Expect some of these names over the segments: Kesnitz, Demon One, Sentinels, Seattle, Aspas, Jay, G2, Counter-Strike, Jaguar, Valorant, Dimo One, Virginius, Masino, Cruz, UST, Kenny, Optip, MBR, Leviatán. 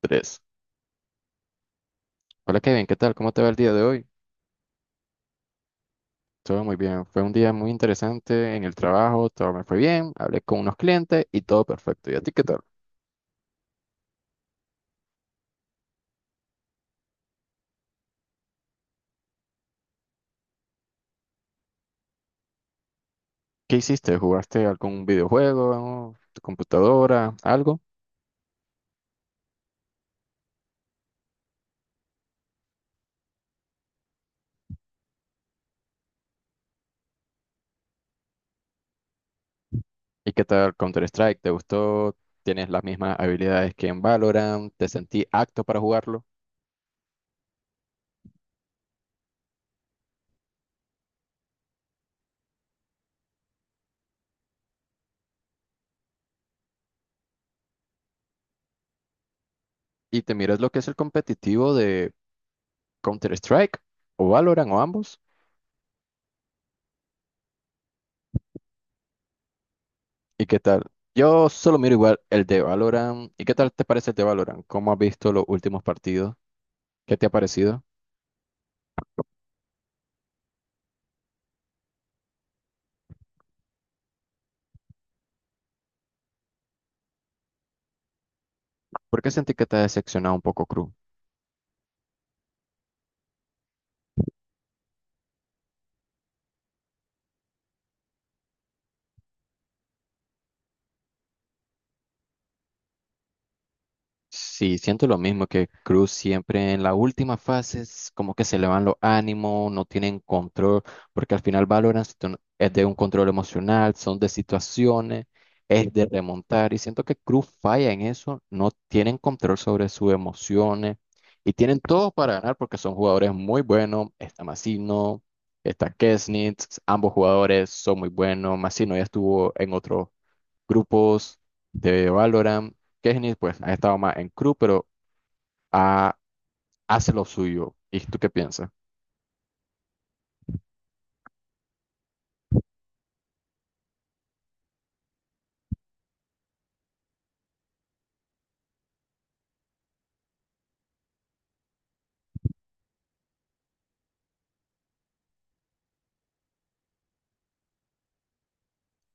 Tres. Hola Kevin, ¿qué tal? ¿Cómo te va el día de hoy? Todo muy bien. Fue un día muy interesante en el trabajo, todo me fue bien, hablé con unos clientes y todo perfecto. ¿Y a ti qué tal? ¿Qué hiciste? ¿Jugaste algún videojuego, tu computadora, algo? ¿Y qué tal Counter-Strike? ¿Te gustó? ¿Tienes las mismas habilidades que en Valorant? ¿Te sentí apto para jugarlo? ¿Y te miras lo que es el competitivo de Counter-Strike o Valorant o ambos? ¿Y qué tal? Yo solo miro igual el de Valorant. ¿Y qué tal te parece el de Valorant? ¿Cómo has visto los últimos partidos? ¿Qué te ha parecido? ¿Por qué sentí que te ha decepcionado un poco, Cruz? Sí, siento lo mismo que Cruz, siempre en la última fase es como que se le van los ánimos, no tienen control, porque al final Valorant es de un control emocional, son de situaciones, es de remontar, y siento que Cruz falla en eso, no tienen control sobre sus emociones, y tienen todo para ganar porque son jugadores muy buenos, está Masino, está Kesnitz, ambos jugadores son muy buenos, Masino ya estuvo en otros grupos de Valorant. Kenny, pues, ha estado más en crew, pero ha- hace lo suyo. ¿Y tú qué piensas?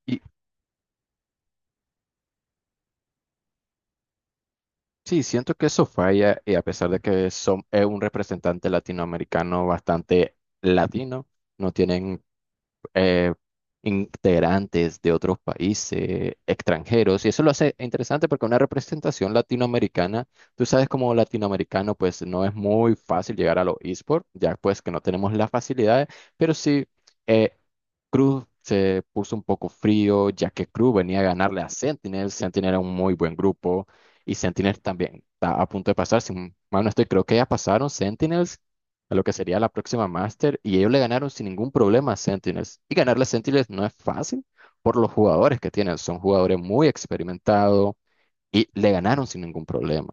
Y sí, siento que eso falla, y a pesar de que son, es un representante latinoamericano bastante latino, no tienen eh, integrantes de otros países, extranjeros, y eso lo hace interesante porque una representación latinoamericana, tú sabes, como latinoamericano, pues no es muy fácil llegar a los esports, ya pues que no tenemos las facilidades, pero sí, eh, Cruz se puso un poco frío, ya que Cruz venía a ganarle a Sentinel, Sentinel era un muy buen grupo, y Sentinel también está a punto de pasar, si mal no estoy, creo que ya pasaron Sentinels, a lo que sería la próxima Master, y ellos le ganaron sin ningún problema a Sentinels. Y ganarle a Sentinels no es fácil por los jugadores que tienen, son jugadores muy experimentados y le ganaron sin ningún problema.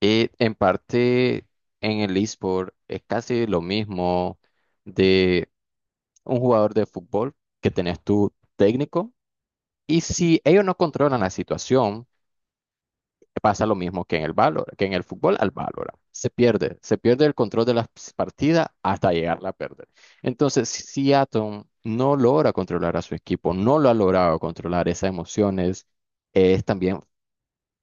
Y en parte en el eSport es casi lo mismo de un jugador de fútbol, que tenés tu técnico, y si ellos no controlan la situación, pasa lo mismo que en el valor, que en el fútbol al Valorant. Se pierde el control de las partidas hasta llegarla a perder. Entonces, si Seattle no logra controlar a su equipo, no lo ha logrado controlar esas emociones, es también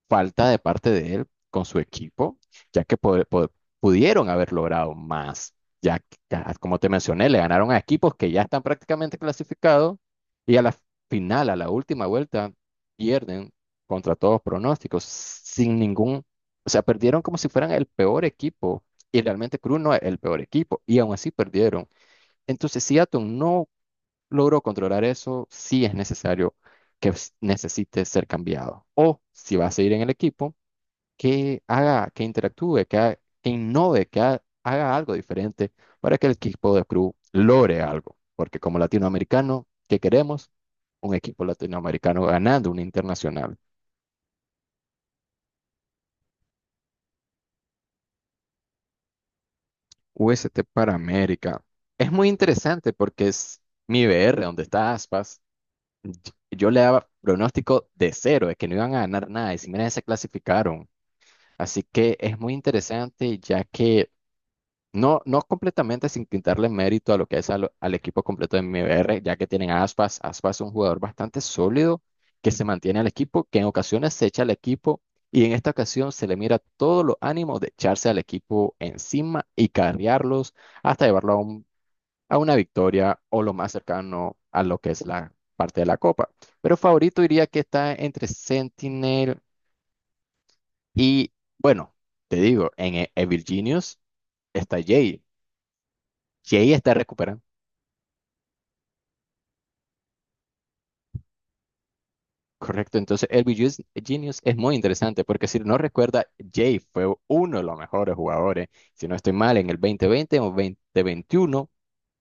falta de parte de él con su equipo, ya que pudieron haber logrado más. Ya, ya, como te mencioné, le ganaron a equipos que ya están prácticamente clasificados y a la final, a la última vuelta, pierden contra todos pronósticos, sin ningún, o sea, perdieron como si fueran el peor equipo y realmente Cruz no es el peor equipo y aún así perdieron. Entonces, si Seattle no logró controlar eso, sí es necesario que necesite ser cambiado. O si va a seguir en el equipo, que haga, que interactúe, que, que innove, que haga algo diferente para que el equipo de Cruz logre algo. Porque, como latinoamericano, ¿qué queremos? Un equipo latinoamericano ganando una internacional. UST para América. Es muy interesante porque es mi BR, donde está Aspas. y- Yo le daba pronóstico de cero, de que no iban a ganar nada, y si miren, se clasificaron. Así que es muy interesante, ya que no, no completamente, sin quitarle mérito a lo que es al equipo completo de MBR, ya que tienen a Aspas. Aspas es un jugador bastante sólido, que se mantiene al equipo, que en ocasiones se echa al equipo, y en esta ocasión se le mira todos los ánimos de echarse al equipo encima y carrearlos hasta llevarlo a, a una victoria o lo más cercano a lo que es la parte de la copa. Pero favorito diría que está entre Sentinel y, bueno, te digo, en Virginius está Jay. Jay está recuperando. Correcto, entonces Genius es muy interesante porque, si no recuerda, Jay fue uno de los mejores jugadores, si no estoy mal, en el 2020 o 2021,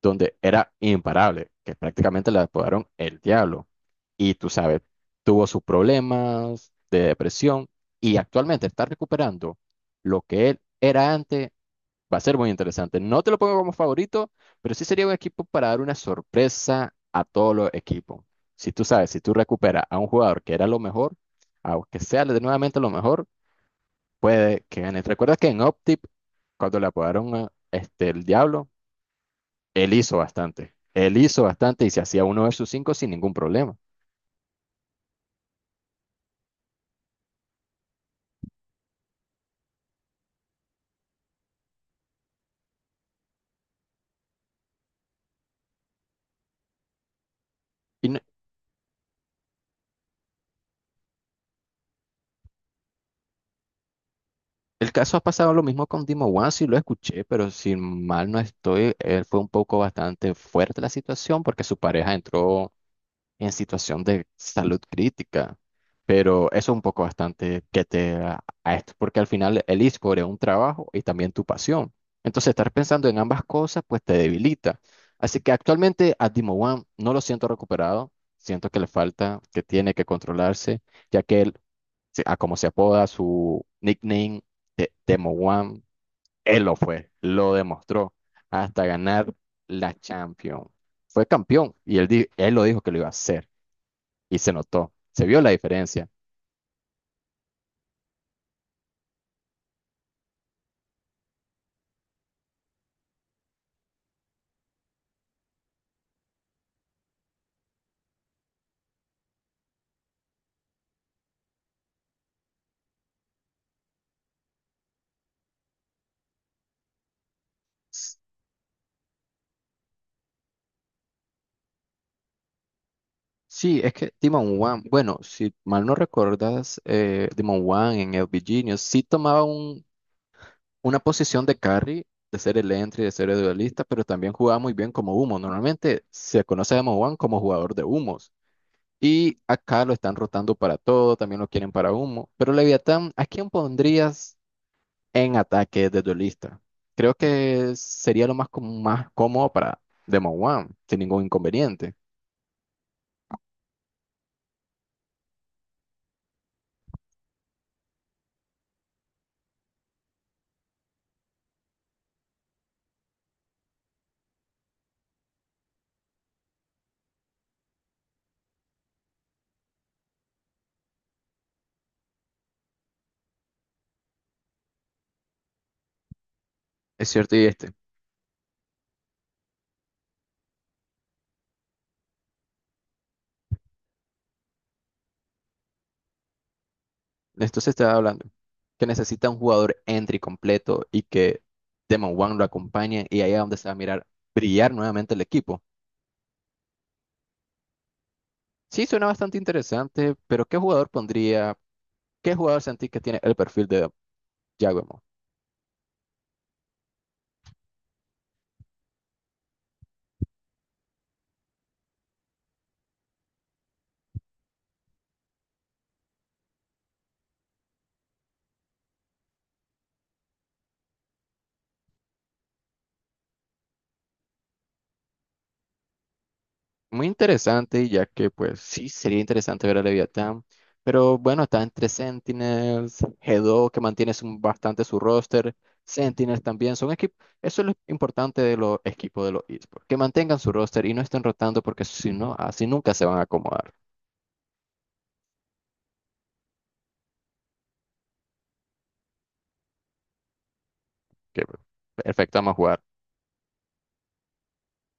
donde era imparable, que prácticamente le apodaron el diablo. Y tú sabes, tuvo sus problemas de depresión y actualmente está recuperando lo que él era antes. Va a ser muy interesante. No te lo pongo como favorito, pero sí sería un equipo para dar una sorpresa a todos los equipos. Si tú sabes, si tú recuperas a un jugador que era lo mejor, aunque sea de nuevamente lo mejor, puede que gane. Recuerda que en Optip, cuando le apodaron a, el Diablo, él hizo bastante. Él hizo bastante y se hacía uno versus cinco sin ningún problema. Y no- el caso ha pasado lo mismo con Dimo One. Sí, lo escuché, pero si mal no estoy, él fue un poco bastante fuerte la situación porque su pareja entró en situación de salud crítica. Pero eso es un poco bastante que te a esto, porque al final el eSport es un trabajo y también tu pasión. Entonces, estar pensando en ambas cosas, pues te debilita. Así que actualmente a Dimo One no lo siento recuperado, siento que le falta, que tiene que controlarse, ya que él, a como se apoda su nickname de Demo One, él lo fue, lo demostró hasta ganar la Champions. Fue campeón y él, él lo dijo que lo iba a hacer y se notó, se vio la diferencia. S- Sí, es que Demon One, bueno, si mal no recuerdas, Demon One en el Genius sí tomaba una posición de carry, de ser el entry, de ser el duelista, pero también jugaba muy bien como humo. Normalmente se conoce a Demon One como jugador de humos. Y acá lo están rotando para todo, también lo quieren para humo. Pero Leviatán, ¿a quién pondrías en ataque de duelista? Creo que sería lo más, más cómodo para Demon One, sin ningún inconveniente. Es cierto, y este. De esto se estaba hablando. Que necesita un jugador entry completo y que Demon One lo acompañe y ahí es donde se va a mirar brillar nuevamente el equipo. Sí, suena bastante interesante, pero ¿qué jugador pondría? ¿Qué jugador sentís que tiene el perfil de Jaguar? Muy interesante, ya que pues sí, sería interesante ver a Leviatán. Pero bueno, está entre Sentinels, G2, que mantiene bastante su roster, Sentinels también, son equipos, eso es lo importante de los equipos de los esports, que mantengan su roster y no estén rotando porque si no, así nunca se van a acomodar, que perfecto, vamos a jugar.